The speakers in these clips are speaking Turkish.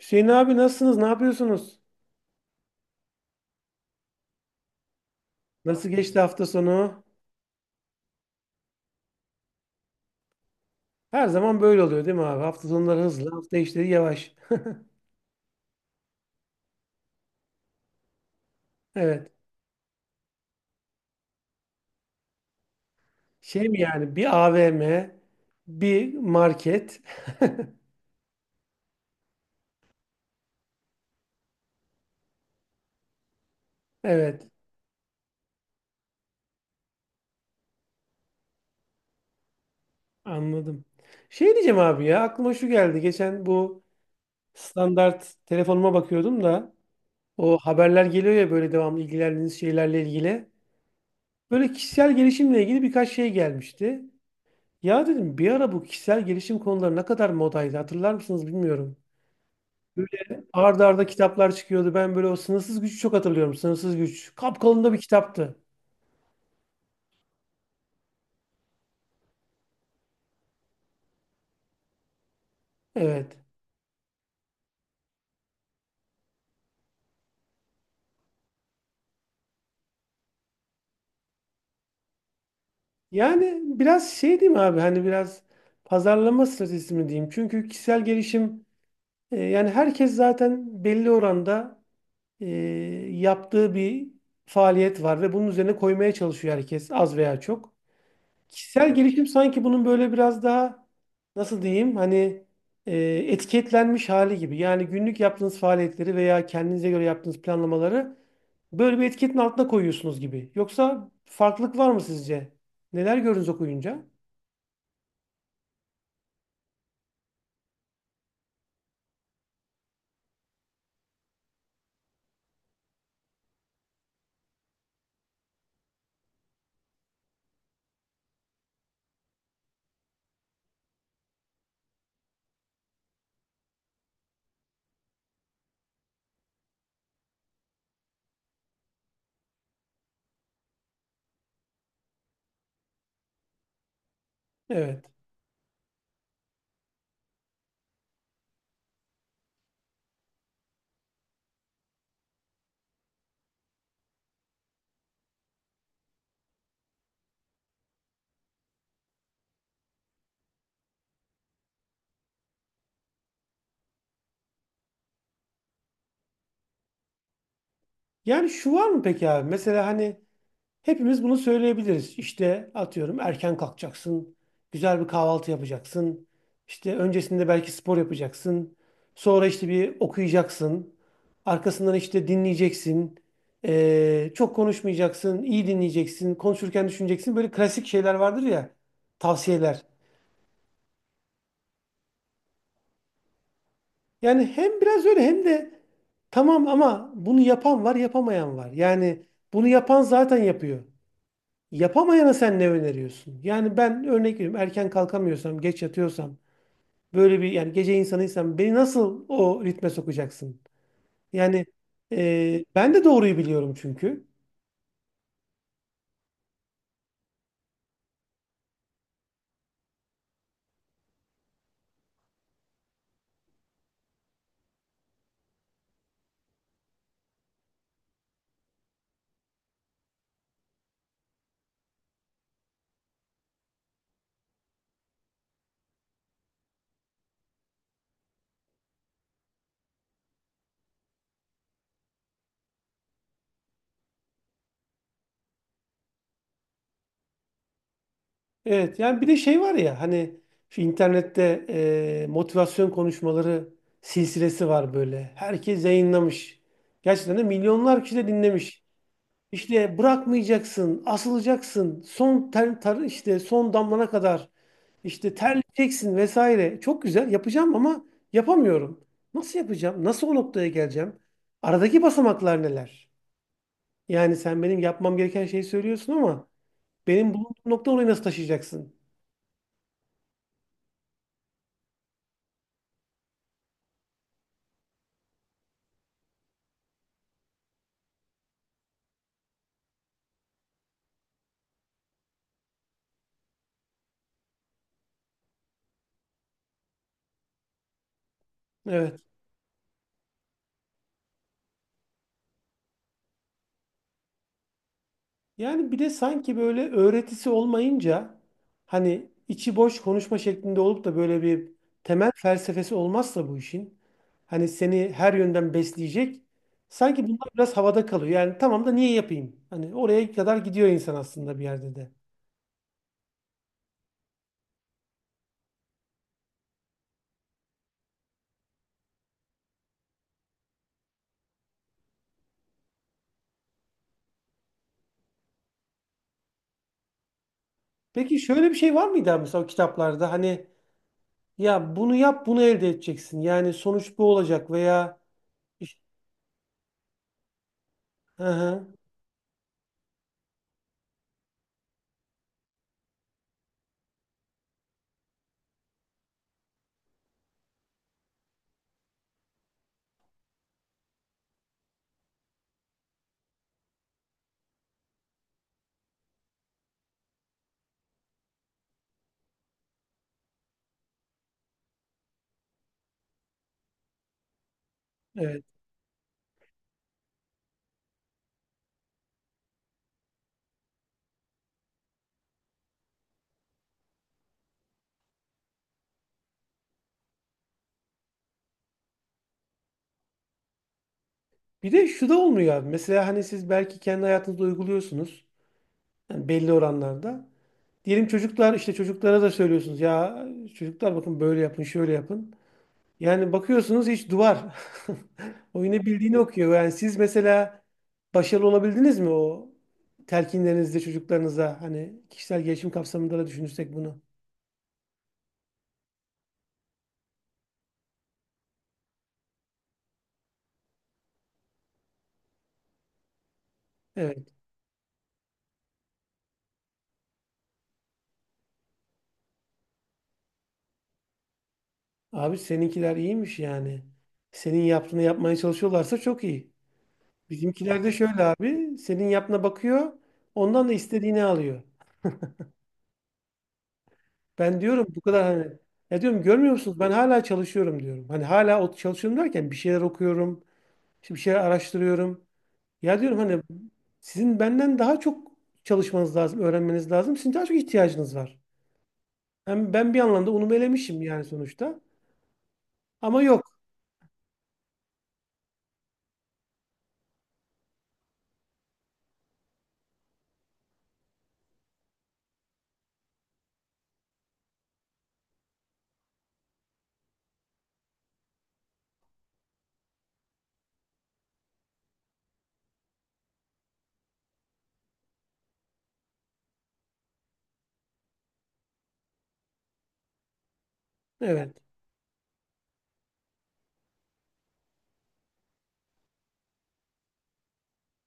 Hüseyin abi, nasılsınız? Ne yapıyorsunuz? Nasıl geçti hafta sonu? Her zaman böyle oluyor değil mi abi? Hafta sonları hızlı, hafta içleri yavaş. Evet. Şey mi yani, bir AVM, bir market. Evet, anladım. Şey diyeceğim abi, ya aklıma şu geldi. Geçen bu standart telefonuma bakıyordum da o haberler geliyor ya, böyle devamlı ilgilendiğiniz şeylerle ilgili. Böyle kişisel gelişimle ilgili birkaç şey gelmişti. Ya dedim, bir ara bu kişisel gelişim konuları ne kadar modaydı, hatırlar mısınız bilmiyorum. Böyle ard arda kitaplar çıkıyordu. Ben böyle o sınırsız gücü çok hatırlıyorum. Sınırsız güç. Kapkalın da bir kitaptı. Evet. Yani biraz şey diyeyim abi, hani biraz pazarlama stratejisi mi diyeyim. Çünkü kişisel gelişim, yani herkes zaten belli oranda e, yaptığı bir faaliyet var ve bunun üzerine koymaya çalışıyor herkes az veya çok. Kişisel gelişim sanki bunun böyle biraz daha nasıl diyeyim, hani e, etiketlenmiş hali gibi. Yani günlük yaptığınız faaliyetleri veya kendinize göre yaptığınız planlamaları böyle bir etiketin altına koyuyorsunuz gibi. Yoksa farklılık var mı sizce? Neler gördünüz okuyunca? Evet. Yani şu var mı peki abi? Mesela hani hepimiz bunu söyleyebiliriz. İşte atıyorum, erken kalkacaksın, güzel bir kahvaltı yapacaksın. İşte öncesinde belki spor yapacaksın. Sonra işte bir okuyacaksın. Arkasından işte dinleyeceksin. Çok konuşmayacaksın, iyi dinleyeceksin. Konuşurken düşüneceksin. Böyle klasik şeyler vardır ya, tavsiyeler. Yani hem biraz öyle hem de tamam, ama bunu yapan var, yapamayan var. Yani bunu yapan zaten yapıyor. Yapamayana sen ne öneriyorsun? Yani ben örnek veriyorum, erken kalkamıyorsam, geç yatıyorsam, böyle bir yani gece insanıysam, beni nasıl o ritme sokacaksın? Yani ben de doğruyu biliyorum çünkü. Evet, yani bir de şey var ya hani şu internette motivasyon konuşmaları silsilesi var böyle. Herkes yayınlamış. Gerçekten de milyonlar kişi de dinlemiş. İşte bırakmayacaksın, asılacaksın, işte son damlana kadar işte terleyeceksin vesaire. Çok güzel yapacağım ama yapamıyorum. Nasıl yapacağım? Nasıl o noktaya geleceğim? Aradaki basamaklar neler? Yani sen benim yapmam gereken şeyi söylüyorsun, ama benim bulunduğum nokta, orayı nasıl taşıyacaksın? Evet. Yani bir de sanki böyle öğretisi olmayınca, hani içi boş konuşma şeklinde olup da böyle bir temel felsefesi olmazsa bu işin, hani seni her yönden besleyecek, sanki bunlar biraz havada kalıyor. Yani tamam da niye yapayım? Hani oraya kadar gidiyor insan aslında bir yerde de. Peki şöyle bir şey var mıydı abi, mesela o kitaplarda hani ya bunu yap, bunu elde edeceksin. Yani sonuç bu olacak veya işte- Hı hı. Evet. Bir de şu da olmuyor abi. Mesela hani siz belki kendi hayatınızda uyguluyorsunuz. Yani belli oranlarda. Diyelim çocuklar, işte çocuklara da söylüyorsunuz ya, çocuklar bakın böyle yapın, şöyle yapın. Yani bakıyorsunuz hiç, duvar. O yine bildiğini okuyor. Yani siz mesela başarılı olabildiniz mi o telkinlerinizde çocuklarınıza? Hani kişisel gelişim kapsamında da düşünürsek bunu. Evet. Abi seninkiler iyiymiş yani. Senin yaptığını yapmaya çalışıyorlarsa çok iyi. Bizimkiler de şöyle abi. Senin yaptığına bakıyor. Ondan da istediğini alıyor. Ben diyorum bu kadar hani, ya diyorum görmüyor musunuz, ben hala çalışıyorum diyorum. Hani hala o çalışıyorum derken bir şeyler okuyorum, işte bir şeyler araştırıyorum. Ya diyorum hani sizin benden daha çok çalışmanız lazım, öğrenmeniz lazım. Sizin daha çok ihtiyacınız var. Hem ben bir anlamda unumu elemişim yani sonuçta. Ama yok. Evet.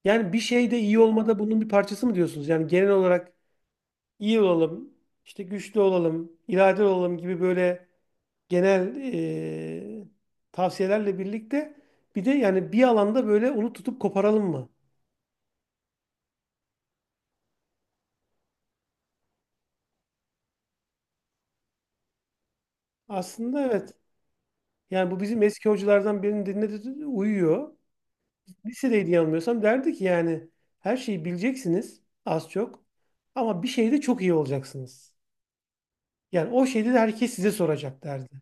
Yani bir şeyde iyi olmada bunun bir parçası mı diyorsunuz? Yani genel olarak iyi olalım, işte güçlü olalım, iradeli olalım gibi böyle genel e, tavsiyelerle birlikte bir de yani bir alanda böyle onu tutup koparalım mı? Aslında evet. Yani bu bizim eski hocalardan birinin, dinledi uyuyor. Lisedeydi yanılmıyorsam, derdi ki yani her şeyi bileceksiniz az çok, ama bir şeyde çok iyi olacaksınız. Yani o şeyde de herkes size soracak derdi.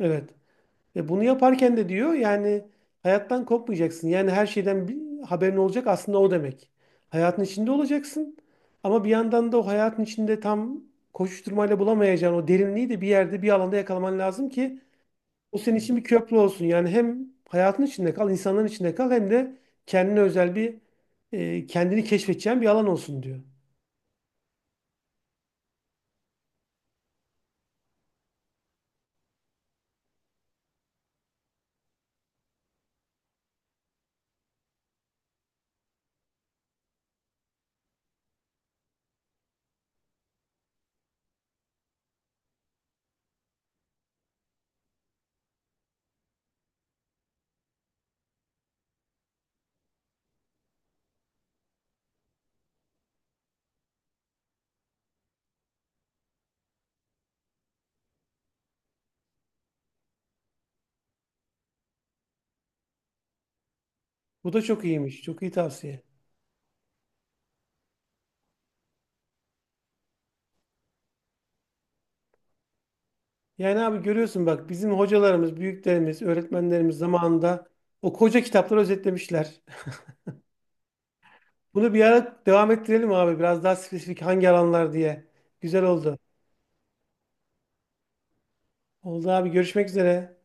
Evet. Ve bunu yaparken de diyor yani hayattan kopmayacaksın. Yani her şeyden bir haberin olacak aslında, o demek. Hayatın içinde olacaksın ama bir yandan da o hayatın içinde tam koşuşturmayla bulamayacağın o derinliği de bir yerde, bir alanda yakalaman lazım ki o senin için bir köprü olsun. Yani hem hayatın içinde kal, insanların içinde kal, hem de kendine özel bir, kendini keşfedeceğin bir alan olsun diyor. Bu da çok iyiymiş. Çok iyi tavsiye. Yani abi görüyorsun bak, bizim hocalarımız, büyüklerimiz, öğretmenlerimiz zamanında o koca kitapları özetlemişler. Bunu bir ara devam ettirelim abi, biraz daha spesifik hangi alanlar diye. Güzel oldu. Oldu abi, görüşmek üzere.